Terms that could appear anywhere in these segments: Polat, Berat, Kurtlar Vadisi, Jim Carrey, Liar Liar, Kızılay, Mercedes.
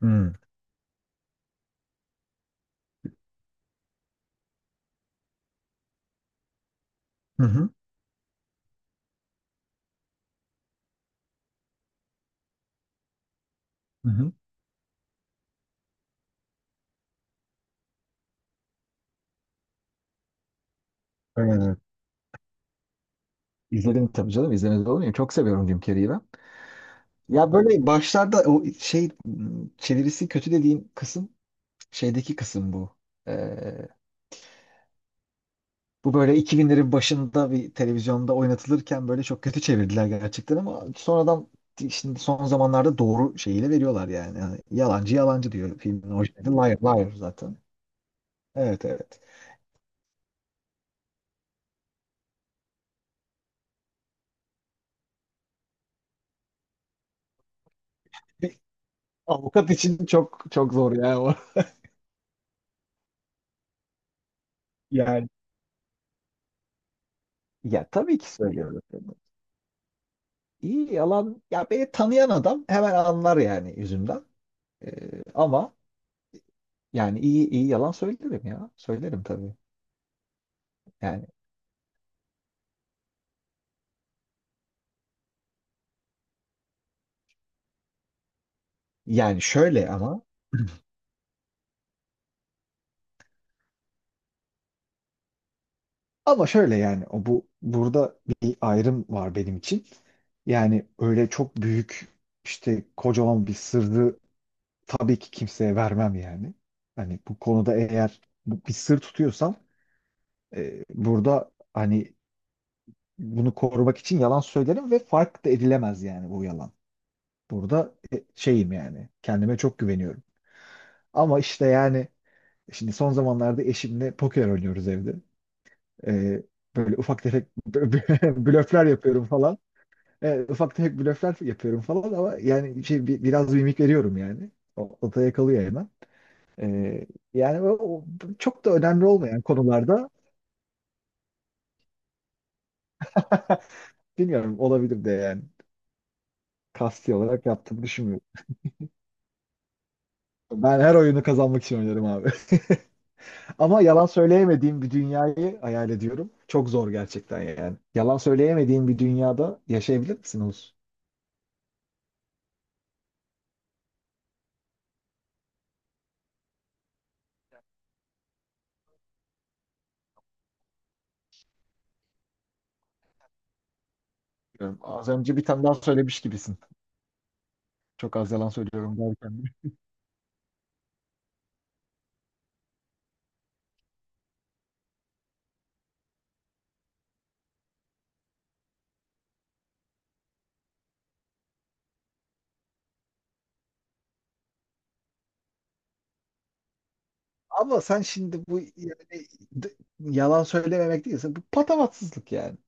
Hmm. Hı hı. Hı hı. Evet. İzledim tabii canım. İzlemez olur muyum? Çok seviyorum Jim Carrey'i ben. Ya böyle başlarda çevirisi kötü dediğim kısım şeydeki kısım bu. Ee, Bu böyle 2000'lerin başında bir televizyonda oynatılırken böyle çok kötü çevirdiler gerçekten, ama sonradan şimdi son zamanlarda doğru şeyiyle veriyorlar yani. Yani yalancı yalancı diyor filmin orijinali. Liar liar zaten. Evet, evet. Bir avukat için çok çok zor ya o. Yani ya tabii ki söylüyorum. İyi yalan, ya beni tanıyan adam hemen anlar yani yüzümden. Ama yani iyi yalan söylerim ya. Söylerim tabii. Yani yani şöyle ama, ama şöyle yani o bu burada bir ayrım var benim için. Yani öyle çok büyük, işte kocaman bir sırrı tabii ki kimseye vermem yani. Hani bu konuda eğer bir sır tutuyorsam, burada hani bunu korumak için yalan söylerim ve fark da edilemez yani bu yalan. Burada şeyim yani. Kendime çok güveniyorum. Ama işte yani şimdi son zamanlarda eşimle poker oynuyoruz evde. Ee, Böyle ufak tefek blöfler yapıyorum falan. Ufak tefek blöfler yapıyorum falan ama yani şey, biraz mimik veriyorum yani. O, o da yakalıyor hemen. Ee, Yani o çok da önemli olmayan konularda. Bilmiyorum, olabilir de yani, kasti olarak yaptığımı düşünmüyorum. Ben her oyunu kazanmak için oynarım abi. Ama yalan söyleyemediğim bir dünyayı hayal ediyorum. Çok zor gerçekten yani. Yalan söyleyemediğin bir dünyada yaşayabilir misin Oğuz? Bilmiyorum. Az önce bir tane daha söylemiş gibisin. Çok az yalan söylüyorum derken. Ama sen şimdi bu yani d- yalan söylememek değilse bu patavatsızlık yani.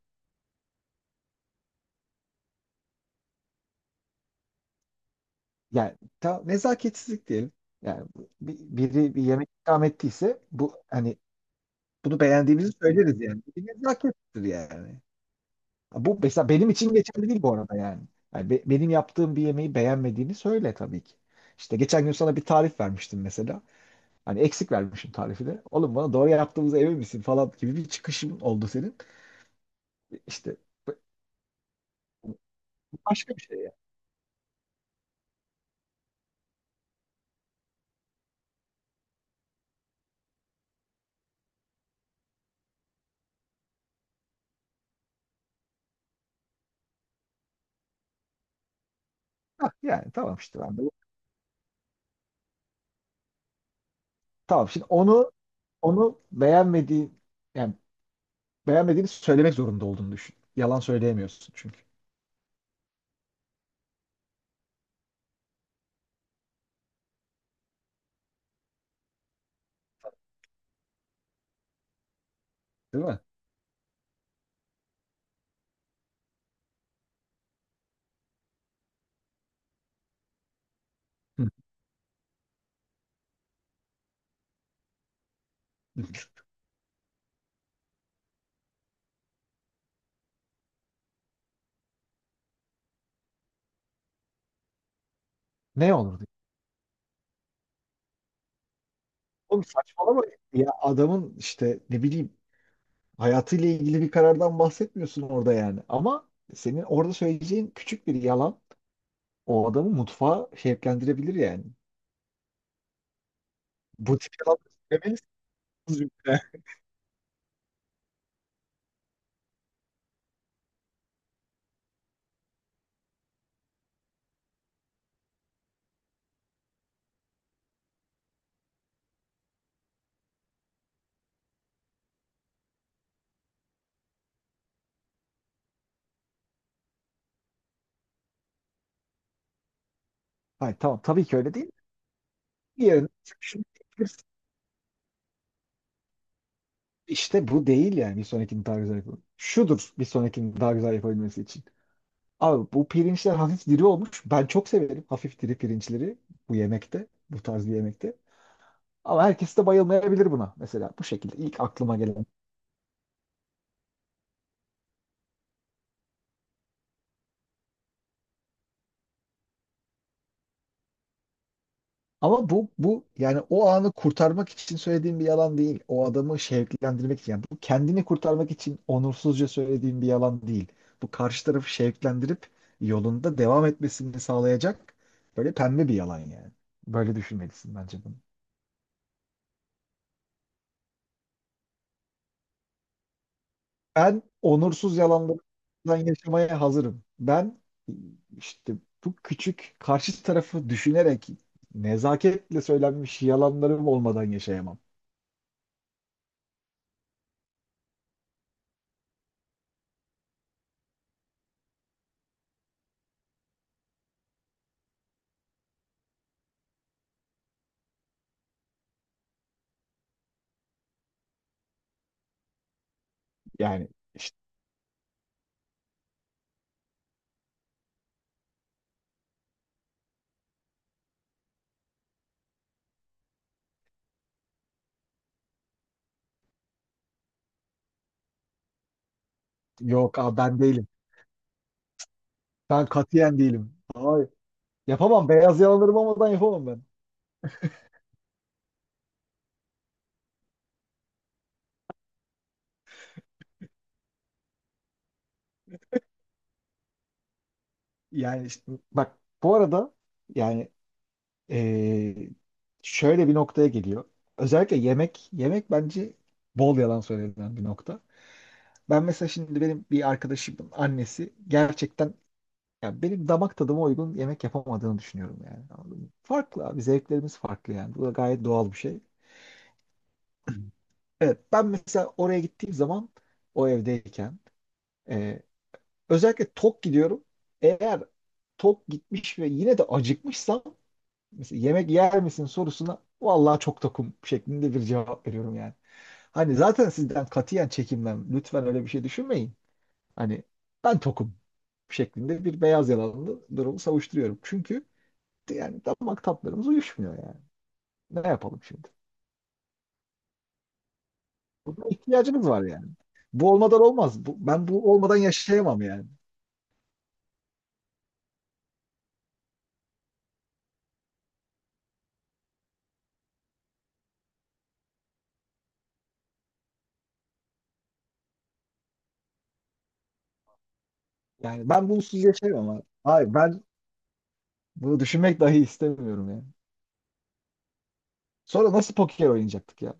Nezaketsizlik diyelim. Yani biri bir yemek ikram ettiyse bu, hani bunu beğendiğimizi söyleriz yani. Bu bir nezakettir yani. Bu mesela benim için geçerli değil bu arada yani. Yani benim yaptığım bir yemeği beğenmediğini söyle tabii ki. İşte geçen gün sana bir tarif vermiştim mesela. Hani eksik vermişim tarifi de. Oğlum bana doğru yaptığımıza emin misin falan gibi bir çıkışın oldu senin. İşte bu bu başka bir şey yani. Hah, yani tamam işte ben de. Tamam şimdi onu beğenmediğin, yani beğenmediğini söylemek zorunda olduğunu düşün. Yalan söyleyemiyorsun çünkü. Değil mi? Hı. Ne olurdu? Oğlum saçmalama ya, adamın işte, ne bileyim, hayatıyla ilgili bir karardan bahsetmiyorsun orada yani. Ama senin orada söyleyeceğin küçük bir yalan o adamı mutfağa şevklendirebilir yani. Bu tip yalan söylemelisiniz. Hayır tamam, tabii ki öyle değil. Diğerine şunu diyebilirsin. İşte bu değil yani, bir sonrakini daha güzel yapalım. Şudur bir sonrakini daha güzel yapabilmesi için. Abi bu pirinçler hafif diri olmuş. Ben çok severim hafif diri pirinçleri bu yemekte, bu tarz bir yemekte. Ama herkes de bayılmayabilir buna mesela. Bu şekilde ilk aklıma gelen. Ama bu yani o anı kurtarmak için söylediğim bir yalan değil. O adamı şevklendirmek için. Yani bu kendini kurtarmak için onursuzca söylediğim bir yalan değil. Bu karşı tarafı şevklendirip yolunda devam etmesini sağlayacak böyle pembe bir yalan yani. Böyle düşünmelisin bence bunu. Ben onursuz yalanlardan yaşamaya hazırım. Ben işte bu küçük, karşı tarafı düşünerek nezaketle söylenmiş yalanlarım olmadan yaşayamam. Yani işte yok abi, ben değilim. Ben katiyen değilim. Hayır. Yapamam. Beyaz yakaları olmadan yapamam ben. Yani işte bak bu arada yani, eee, şöyle bir noktaya geliyor. Özellikle yemek. Yemek bence bol yalan söylenen bir nokta. Ben mesela şimdi benim bir arkadaşımın annesi gerçekten, ya benim damak tadıma uygun yemek yapamadığını düşünüyorum yani. Anladın mı? Farklı abi. Zevklerimiz farklı yani. Bu da gayet doğal bir şey. Evet, ben mesela oraya gittiğim zaman, o evdeyken, özellikle tok gidiyorum. Eğer tok gitmiş ve yine de acıkmışsam, mesela yemek yer misin sorusuna vallahi çok tokum şeklinde bir cevap veriyorum yani. Hani zaten sizden katiyen çekinmem. Lütfen öyle bir şey düşünmeyin. Hani ben tokum şeklinde bir beyaz yalanlı durumu savuşturuyorum. Çünkü yani damak tatlarımız uyuşmuyor yani. Ne yapalım şimdi? Buna ihtiyacımız var yani. Bu olmadan olmaz. Ben bu olmadan yaşayamam yani. Yani ben bunsuz yaşayamam abi. Hayır ben bunu düşünmek dahi istemiyorum yani. Sonra nasıl poker oynayacaktık ya?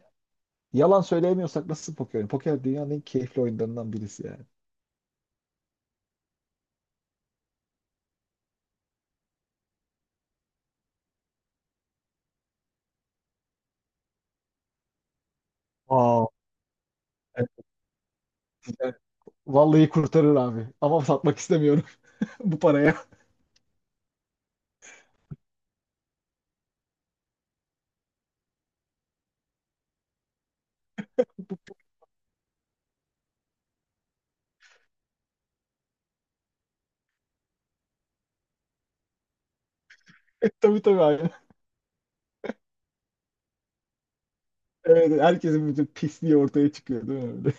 Yalan söyleyemiyorsak nasıl poker oynayacaktık? Poker dünyanın en keyifli oyunlarından birisi yani. Aa, evet. Yani vallahi kurtarır abi. Ama satmak istemiyorum bu paraya. Bu- Tabii, tabii abi. Evet, herkesin bütün pisliği ortaya çıkıyor değil mi? Öyle.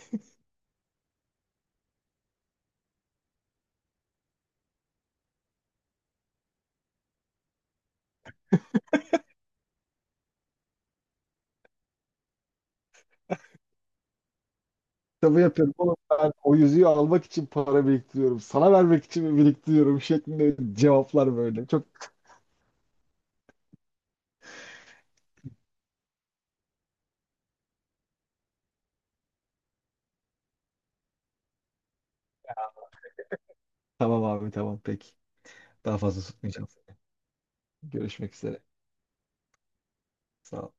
Tabii yapıyorum. Oğlum ben o yüzüğü almak için para biriktiriyorum. Sana vermek için mi biriktiriyorum şeklinde cevaplar böyle. Çok. Tamam abi, tamam peki. Daha fazla tutmayacağım. Görüşmek üzere. Sağ ol.